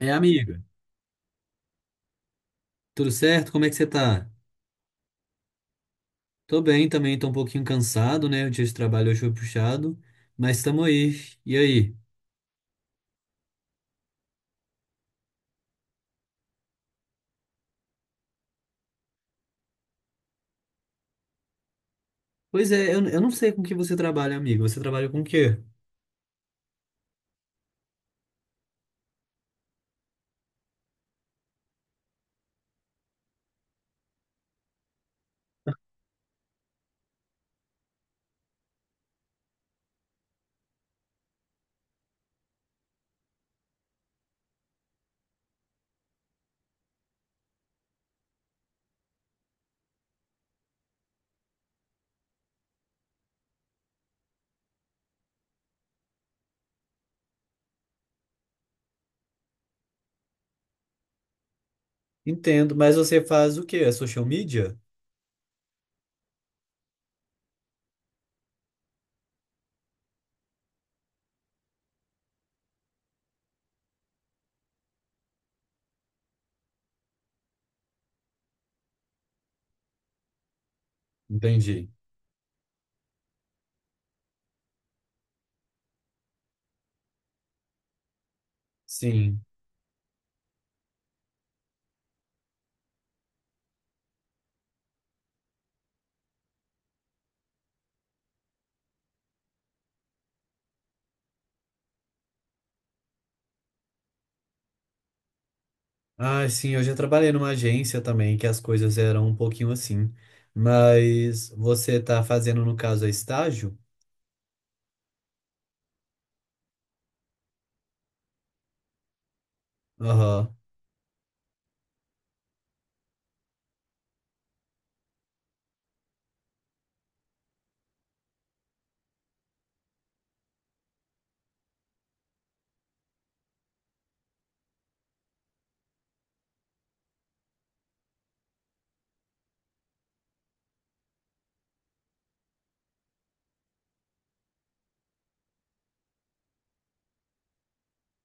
É, amiga, tudo certo? Como é que você tá? Tô bem também, tô um pouquinho cansado, né? O dia de trabalho hoje foi puxado, mas estamos aí. E aí? Pois é, eu não sei com que você trabalha, amiga. Você trabalha com o quê? Entendo, mas você faz o quê? É social media? Entendi. Sim. Ah, sim, eu já trabalhei numa agência também, que as coisas eram um pouquinho assim. Mas você tá fazendo, no caso, é estágio? Aham,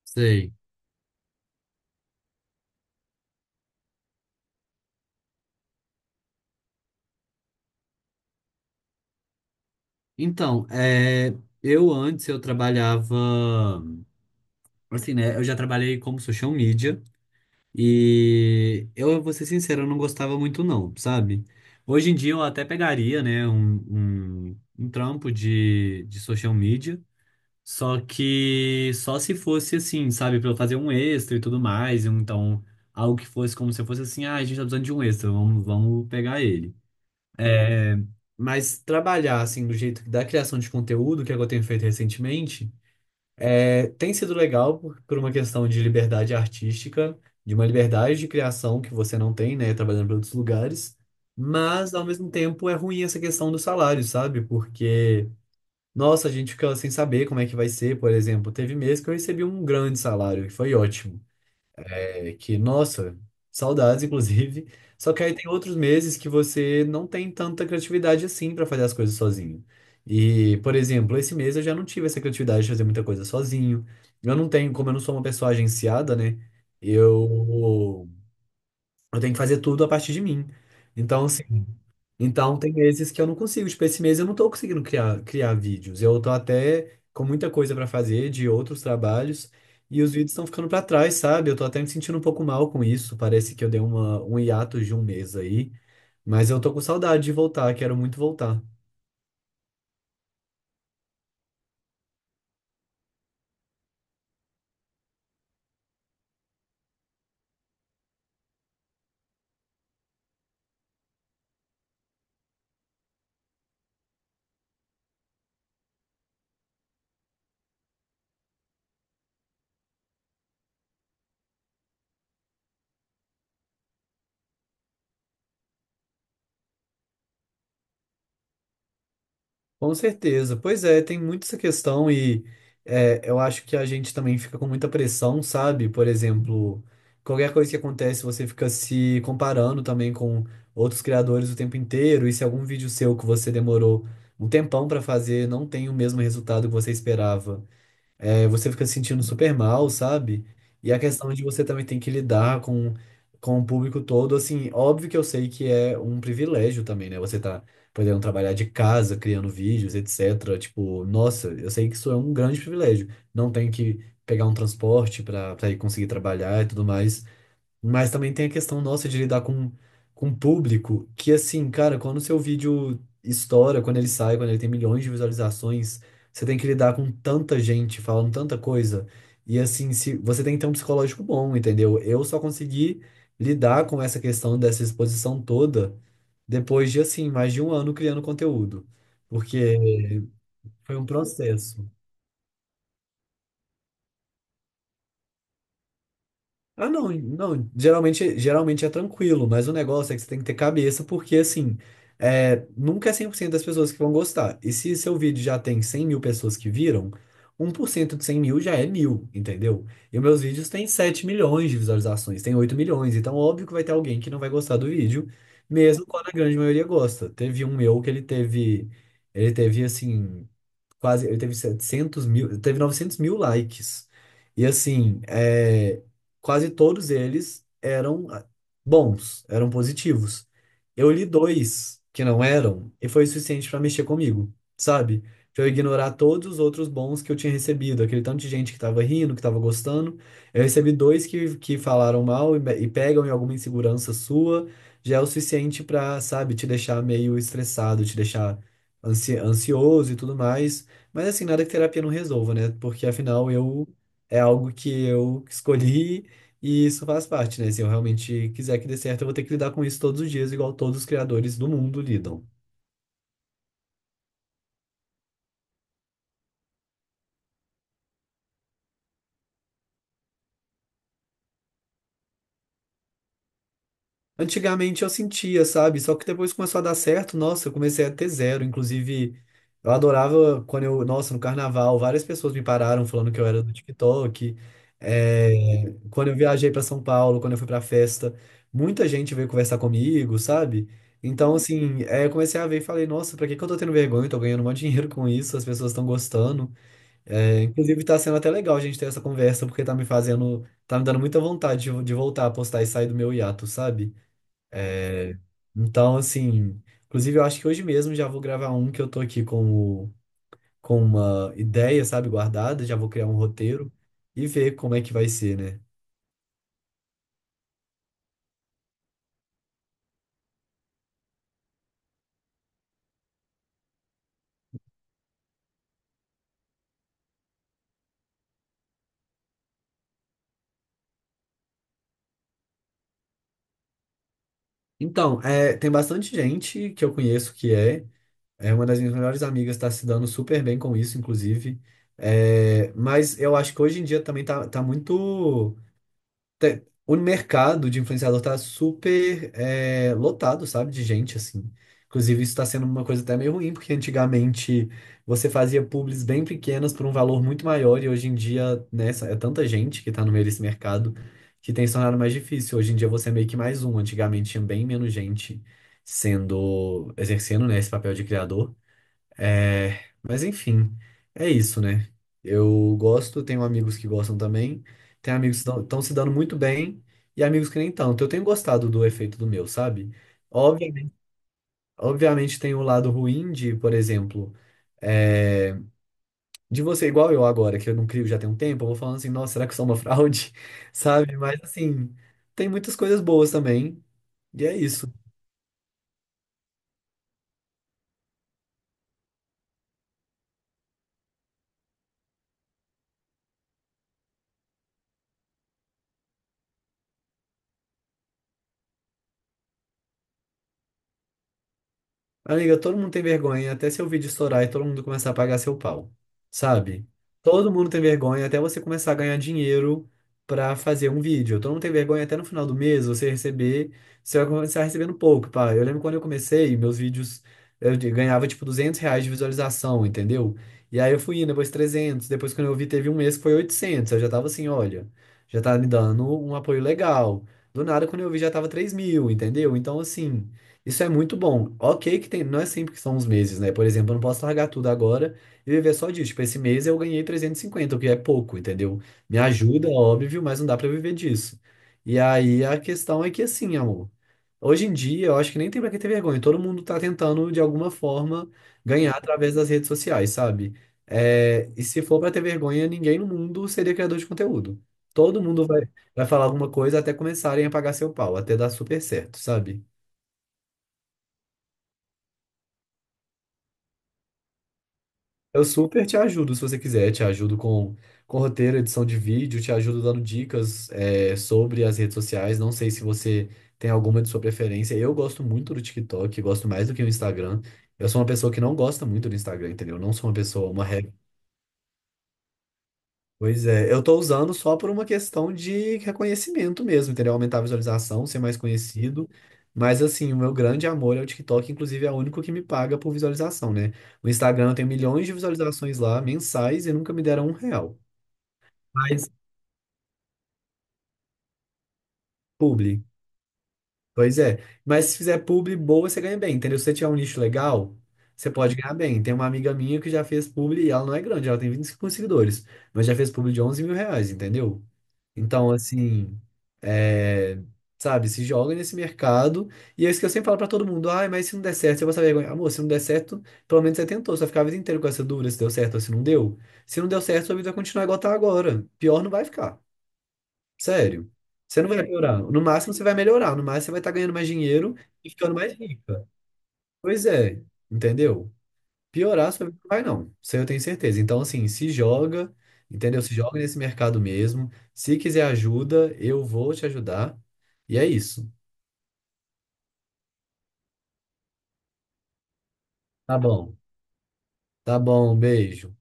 sei. Então, é, eu antes eu trabalhava. Assim, né? Eu já trabalhei como social media e eu vou ser sincero, eu não gostava muito não, sabe? Hoje em dia eu até pegaria, né, um trampo de social media, só que só se fosse assim, sabe, pra eu fazer um extra e tudo mais, um, então algo que fosse como se fosse assim, ah, a gente tá precisando de um extra, vamos, vamos pegar ele. É, mas trabalhar assim do jeito da criação de conteúdo, que é o que eu tenho feito recentemente, é, tem sido legal por uma questão de liberdade artística, de uma liberdade de criação que você não tem, né, trabalhando para outros lugares, mas ao mesmo tempo é ruim essa questão do salário, sabe? Porque, nossa, a gente fica sem saber como é que vai ser, por exemplo. Teve mês que eu recebi um grande salário, que foi ótimo. É que, nossa, saudades, inclusive. Só que aí tem outros meses que você não tem tanta criatividade assim pra fazer as coisas sozinho. E, por exemplo, esse mês eu já não tive essa criatividade de fazer muita coisa sozinho. Eu não tenho, como eu não sou uma pessoa agenciada, né? Eu, eu tenho que fazer tudo a partir de mim. Então, assim, então, tem meses que eu não consigo. Tipo, esse mês eu não tô conseguindo criar vídeos. Eu tô até com muita coisa pra fazer de outros trabalhos e os vídeos estão ficando pra trás, sabe? Eu tô até me sentindo um pouco mal com isso. Parece que eu dei uma, um hiato de um mês aí, mas eu tô com saudade de voltar, quero muito voltar. Com certeza. Pois é, tem muito essa questão e é, eu acho que a gente também fica com muita pressão, sabe? Por exemplo, qualquer coisa que acontece, você fica se comparando também com outros criadores o tempo inteiro. E se algum vídeo seu que você demorou um tempão para fazer não tem o mesmo resultado que você esperava, é, você fica se sentindo super mal, sabe? E a questão de você também tem que lidar com o público todo, assim, óbvio que eu sei que é um privilégio também, né? Você tá podendo trabalhar de casa, criando vídeos, etc. Tipo, nossa, eu sei que isso é um grande privilégio. Não tem que pegar um transporte para ir conseguir trabalhar e tudo mais. Mas também tem a questão nossa de lidar com público, que assim, cara, quando o seu vídeo estoura, quando ele sai, quando ele tem milhões de visualizações, você tem que lidar com tanta gente falando tanta coisa. E assim, se você tem que ter um psicológico bom, entendeu? Eu só consegui lidar com essa questão dessa exposição toda depois de assim, mais de um ano criando conteúdo. Porque foi um processo. Ah, não, não, geralmente é tranquilo, mas o negócio é que você tem que ter cabeça, porque assim, é, nunca é 100% das pessoas que vão gostar. E se seu vídeo já tem 100 mil pessoas que viram, 1% de 100 mil já é mil, entendeu? E meus vídeos têm 7 milhões de visualizações, tem 8 milhões, então óbvio que vai ter alguém que não vai gostar do vídeo, mesmo quando a grande maioria gosta. Teve um meu que ele teve assim quase, ele teve 700 mil, ele teve 900 mil likes. E assim, é, quase todos eles eram ah, bons, eram positivos. Eu li dois que não eram e foi o suficiente pra mexer comigo, sabe? Pra eu ignorar todos os outros bons que eu tinha recebido, aquele tanto de gente que tava rindo, que tava gostando. Eu recebi dois que falaram mal e, e pegam em alguma insegurança sua, já é o suficiente pra, sabe, te deixar meio estressado, te deixar ansioso e tudo mais. Mas assim, nada que terapia não resolva, né? Porque afinal eu é algo que eu escolhi e isso faz parte, né? Se eu realmente quiser que dê certo, eu vou ter que lidar com isso todos os dias, igual todos os criadores do mundo lidam. Antigamente eu sentia, sabe? Só que depois começou a dar certo, nossa, eu comecei a ter zero. Inclusive, eu adorava quando eu, nossa, no carnaval, várias pessoas me pararam falando que eu era do TikTok. É, quando eu viajei para São Paulo, quando eu fui para festa, muita gente veio conversar comigo, sabe? Então, assim, é, eu comecei a ver e falei, nossa, pra que que eu tô tendo vergonha? Eu tô ganhando um monte de dinheiro com isso, as pessoas estão gostando. É, inclusive, tá sendo até legal a gente ter essa conversa, porque tá me fazendo, tá me dando muita vontade de voltar a postar e sair do meu hiato, sabe? Então, assim, inclusive eu acho que hoje mesmo já vou gravar um que eu tô aqui com, com uma ideia, sabe, guardada, já vou criar um roteiro e ver como é que vai ser, né? Então, é, tem bastante gente que eu conheço que é, é uma das minhas melhores amigas, tá se dando super bem com isso, inclusive. É, mas eu acho que hoje em dia também tá muito. O mercado de influenciador tá super é, lotado, sabe? De gente, assim. Inclusive, isso tá sendo uma coisa até meio ruim, porque antigamente você fazia publis bem pequenas por um valor muito maior, e hoje em dia, né, é tanta gente que tá no meio desse mercado que tem se tornado mais difícil. Hoje em dia você é meio que mais um. Antigamente tinha bem menos gente sendo, exercendo, né, esse papel de criador. É, mas enfim, é isso, né? Eu gosto, tenho amigos que gostam também, tenho amigos que estão se dando muito bem e amigos que nem tanto. Eu tenho gostado do efeito do meu, sabe? Obviamente, obviamente tem o lado ruim de, por exemplo, é, de você igual eu agora, que eu não crio já tem um tempo, eu vou falando assim, nossa, será que eu sou uma fraude? Sabe? Mas assim, tem muitas coisas boas também, e é isso. Amiga, todo mundo tem vergonha até seu vídeo estourar e todo mundo começar a pagar seu pau, sabe? Todo mundo tem vergonha até você começar a ganhar dinheiro pra fazer um vídeo. Todo mundo tem vergonha até no final do mês você receber, você vai começar recebendo pouco, pá. Eu lembro quando eu comecei, meus vídeos, eu ganhava tipo R$ 200 de visualização, entendeu? E aí eu fui indo, depois 300, depois quando eu vi teve um mês que foi 800, eu já tava assim, olha, já tá me dando um apoio legal. Do nada, quando eu vi, já tava 3 mil, entendeu? Então, assim... Isso é muito bom. Ok, que tem, não é sempre que são os meses, né? Por exemplo, eu não posso largar tudo agora e viver só disso. Tipo, esse mês eu ganhei 350, o que é pouco, entendeu? Me ajuda, óbvio, mas não dá pra viver disso. E aí a questão é que, assim, amor, hoje em dia eu acho que nem tem pra que ter vergonha. Todo mundo tá tentando, de alguma forma, ganhar através das redes sociais, sabe? É, e se for pra ter vergonha, ninguém no mundo seria criador de conteúdo. Todo mundo vai, vai falar alguma coisa até começarem a pagar seu pau, até dar super certo, sabe? Eu super te ajudo se você quiser. Te ajudo com roteiro, edição de vídeo, te ajudo dando dicas, é, sobre as redes sociais. Não sei se você tem alguma de sua preferência. Eu gosto muito do TikTok, gosto mais do que o Instagram. Eu sou uma pessoa que não gosta muito do Instagram, entendeu? Eu não sou uma pessoa, uma Pois é, eu tô usando só por uma questão de reconhecimento mesmo, entendeu? Aumentar a visualização, ser mais conhecido. Mas assim, o meu grande amor é o TikTok, inclusive é o único que me paga por visualização, né? O Instagram eu tenho milhões de visualizações lá, mensais, e nunca me deram um real. Mas publi. Pois é. Mas se fizer publi boa, você ganha bem, entendeu? Se você tiver um nicho legal, você pode ganhar bem. Tem uma amiga minha que já fez publi e ela não é grande, ela tem 25 seguidores, mas já fez publi de R$ 11 mil, entendeu? Então, assim, é, sabe, se joga nesse mercado. E é isso que eu sempre falo pra todo mundo: ai, mas se não der certo, você vai saber. Amor, se não der certo, pelo menos você tentou. Você vai ficar a vida inteira com essa dúvida se deu certo ou se não deu. Se não deu certo, sua vida vai continuar igual tá agora. Pior não vai ficar. Sério. Você não vai piorar. No máximo, você vai melhorar. No máximo, você vai estar ganhando mais dinheiro e ficando mais rica. Pois é, entendeu? Piorar sua vida não vai, não. Isso aí eu tenho certeza. Então, assim, se joga, entendeu? Se joga nesse mercado mesmo. Se quiser ajuda, eu vou te ajudar. E é isso. Tá bom. Tá bom, beijo.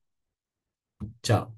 Tchau.